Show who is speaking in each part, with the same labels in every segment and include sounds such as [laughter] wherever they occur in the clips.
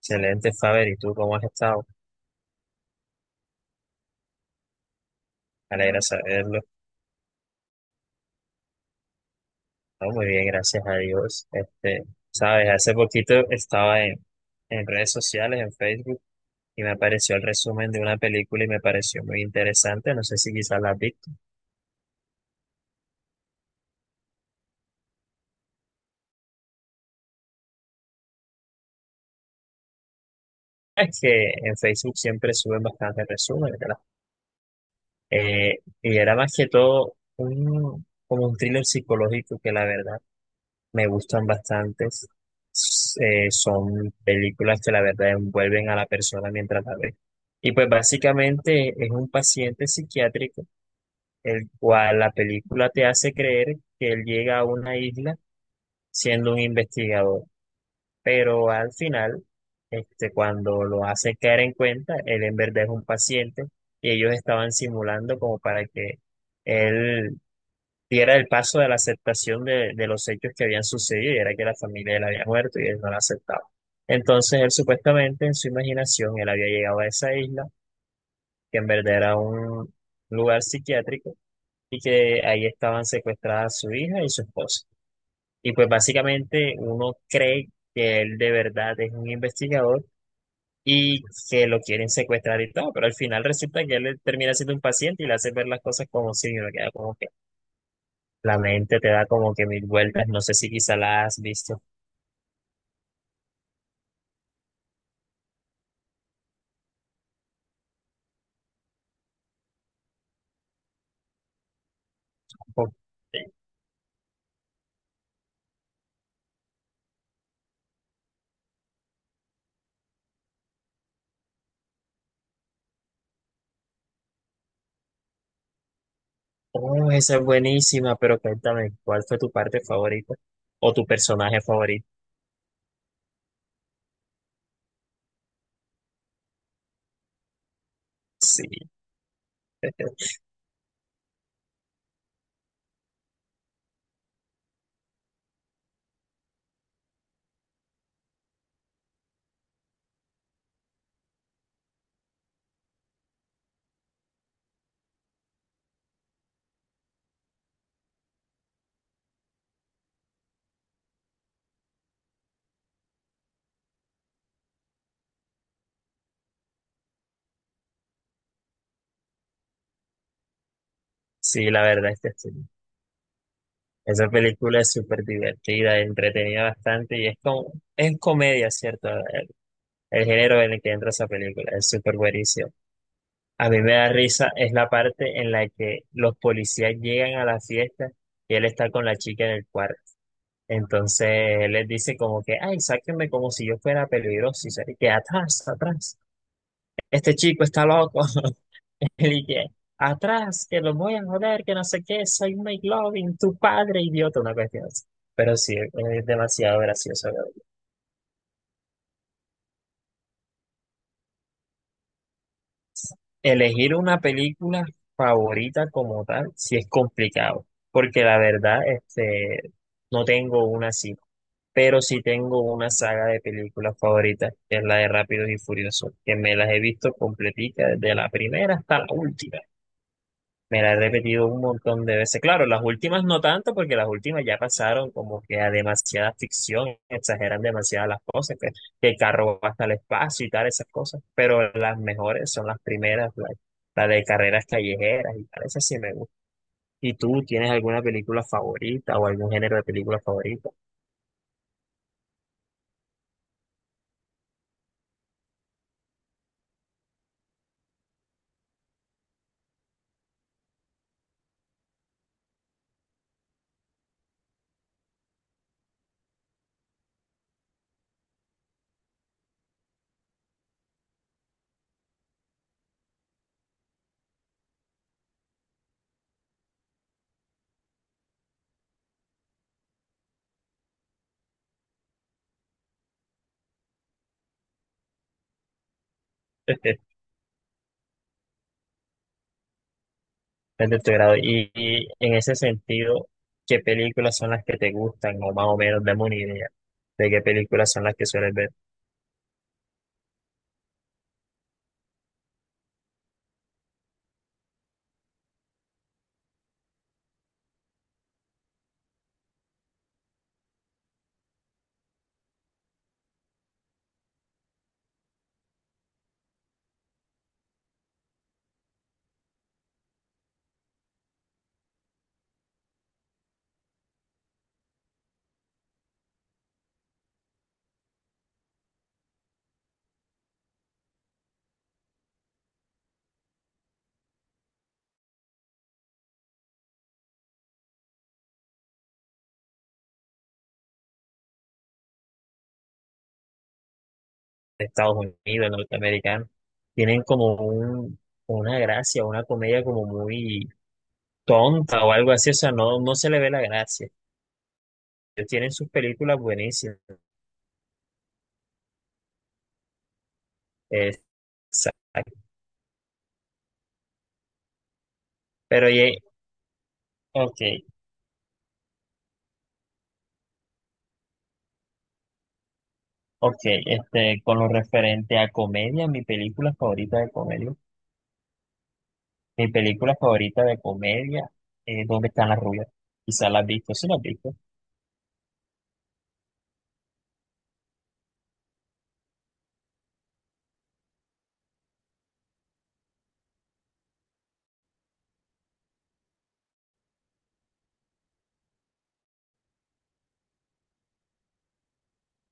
Speaker 1: Excelente, Faber. ¿Y tú cómo has estado? Me alegra saberlo. No, muy bien, gracias a Dios. Este, sabes, hace poquito estaba en redes sociales, en Facebook, y me apareció el resumen de una película y me pareció muy interesante. No sé si quizás la has visto. Es que en Facebook siempre suben bastantes resúmenes, ¿verdad? Y era más que todo un, como un thriller psicológico que la verdad me gustan bastantes. Son películas que la verdad envuelven a la persona mientras la ve. Y pues básicamente es un paciente psiquiátrico, el cual la película te hace creer que él llega a una isla siendo un investigador, pero al final, este, cuando lo hace caer en cuenta, él en verdad es un paciente y ellos estaban simulando como para que él y era el paso de la aceptación de los hechos que habían sucedido, y era que la familia de él había muerto y él no la aceptaba. Entonces él supuestamente en su imaginación él había llegado a esa isla, que en verdad era un lugar psiquiátrico y que ahí estaban secuestradas su hija y su esposa. Y pues básicamente uno cree que él de verdad es un investigador y que lo quieren secuestrar y todo, pero al final resulta que él termina siendo un paciente y le hace ver las cosas como si uno queda como que la mente te da como que mil vueltas. No sé si quizá la has visto. Oh, esa es buenísima, pero cuéntame, ¿cuál fue tu parte favorita o tu personaje favorito? Sí, sí, la verdad es que sí. Esa película es súper divertida, entretenida bastante y es como, es comedia, ¿cierto? El género en el que entra esa película es súper buenísimo. A mí me da risa es la parte en la que los policías llegan a la fiesta y él está con la chica en el cuarto. Entonces les dice como que, ay, sáquenme como si yo fuera peligroso. Y se y que atrás, atrás. Este chico está loco. [laughs] Y que atrás, que los voy a joder, que no sé qué, soy Mike Loving, tu padre, idiota, una cuestión así. Pero sí, es demasiado gracioso. Elegir una película favorita como tal, sí es complicado, porque la verdad, este, no tengo una así, pero sí tengo una saga de películas favoritas, que es la de Rápidos y Furiosos, que me las he visto completica desde la primera hasta la última. Me la he repetido un montón de veces. Claro, las últimas no tanto, porque las últimas ya pasaron como que a demasiada ficción, exageran demasiadas las cosas, que el carro va hasta el espacio y tal, esas cosas. Pero las mejores son las primeras, la de carreras callejeras y tal, esas sí me gustan. ¿Y tú tienes alguna película favorita o algún género de película favorita? [laughs] Es de tu grado. Y en ese sentido, ¿qué películas son las que te gustan? O más o menos, dame una idea de qué películas son las que sueles ver. De Estados Unidos, norteamericanos, tienen como un, una gracia, una comedia como muy tonta o algo así, o sea, no, no se le ve la gracia. Ellos tienen sus películas buenísimas. Exacto. Pero oye, ok, ok, este, con lo referente a comedia, mi película favorita de comedia, mi película favorita de comedia es ¿Dónde están las rubias? Quizás la has visto, sí la has visto.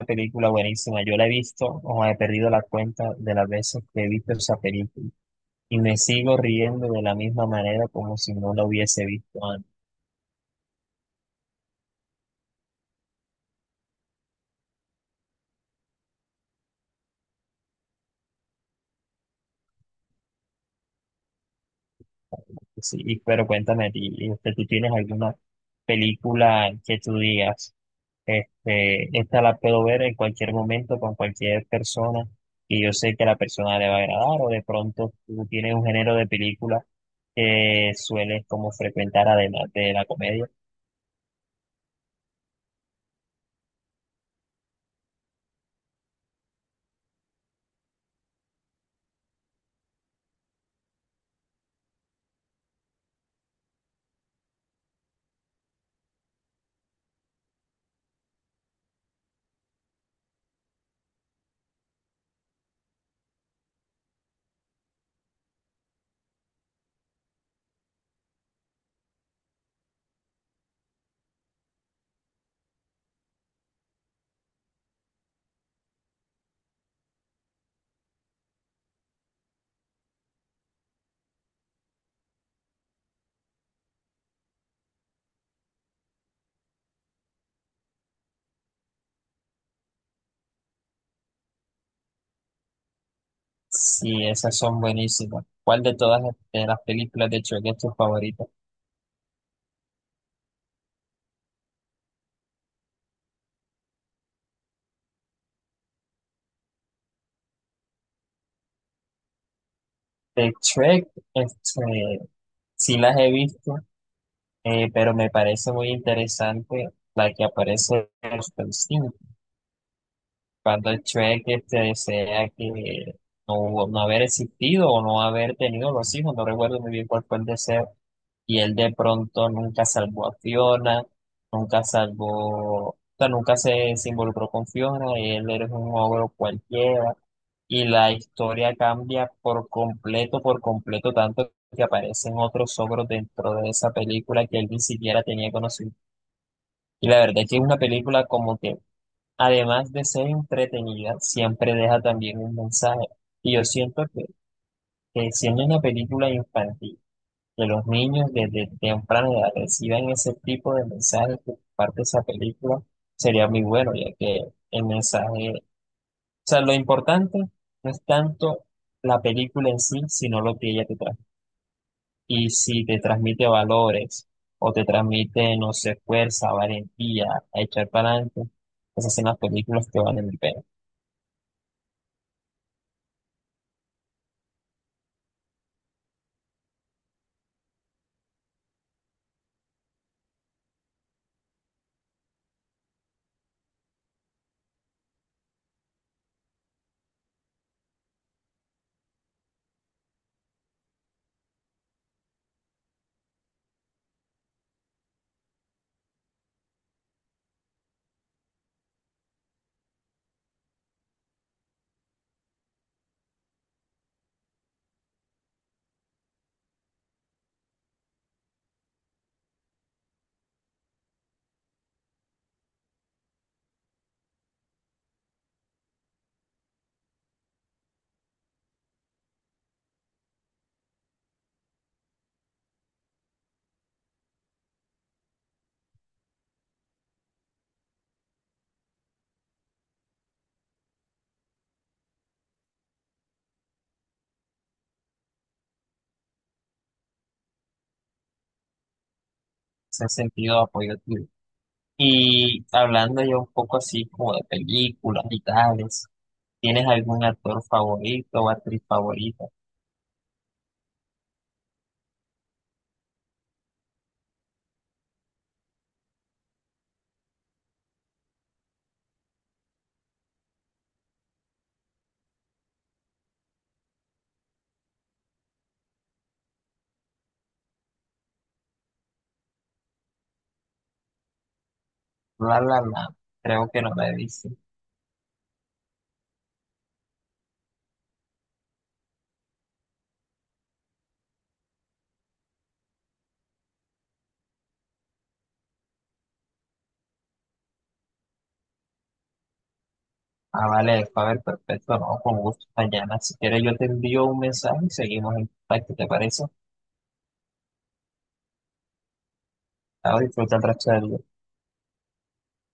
Speaker 1: Una película buenísima, yo la he visto, o he perdido la cuenta de las veces que he visto esa película. Y me sigo riendo de la misma manera como si no la hubiese visto antes. Sí, y- pero cuéntame, a ti, este, ¿tú tienes alguna película que tú digas, este, esta la puedo ver en cualquier momento con cualquier persona y yo sé que a la persona le va a agradar? O de pronto tú tienes un género de película que sueles como frecuentar además de la comedia. Sí, esas son buenísimas. ¿Cuál de todas de las películas de Shrek es tu favorita? De Shrek, este, sí las he visto, pero me parece muy interesante la que aparece en los Palestinos, cuando Shrek este, desea que no, no haber existido o no haber tenido los hijos, no recuerdo muy bien cuál fue el deseo, y él de pronto nunca salvó a Fiona, nunca salvó, o sea, nunca se, se involucró con Fiona, él era un ogro cualquiera, y la historia cambia por completo, tanto que aparecen otros ogros dentro de esa película que él ni siquiera tenía conocido. Y la verdad es que es una película como que, además de ser entretenida, siempre deja también un mensaje. Y yo siento que siendo una película infantil, que los niños desde temprana edad reciban ese tipo de mensajes que parte esa película, sería muy bueno, ya que el mensaje sea, lo importante no es tanto la película en sí, sino lo que ella te trae. Y si te transmite valores o te transmite, no sé, fuerza, valentía, a echar para adelante, esas son las películas que valen el pena. Ese sentido de apoyo tuyo. Y hablando ya un poco así como de películas y tales, ¿tienes algún actor favorito o actriz favorita? La, la, la. Creo que no me he visto. Ah, vale, a ver, perfecto, no, con gusto, Dayana. Si quieres, yo te envío un mensaje y seguimos en contacto, ¿te parece? Ahora disfruta el resto del día.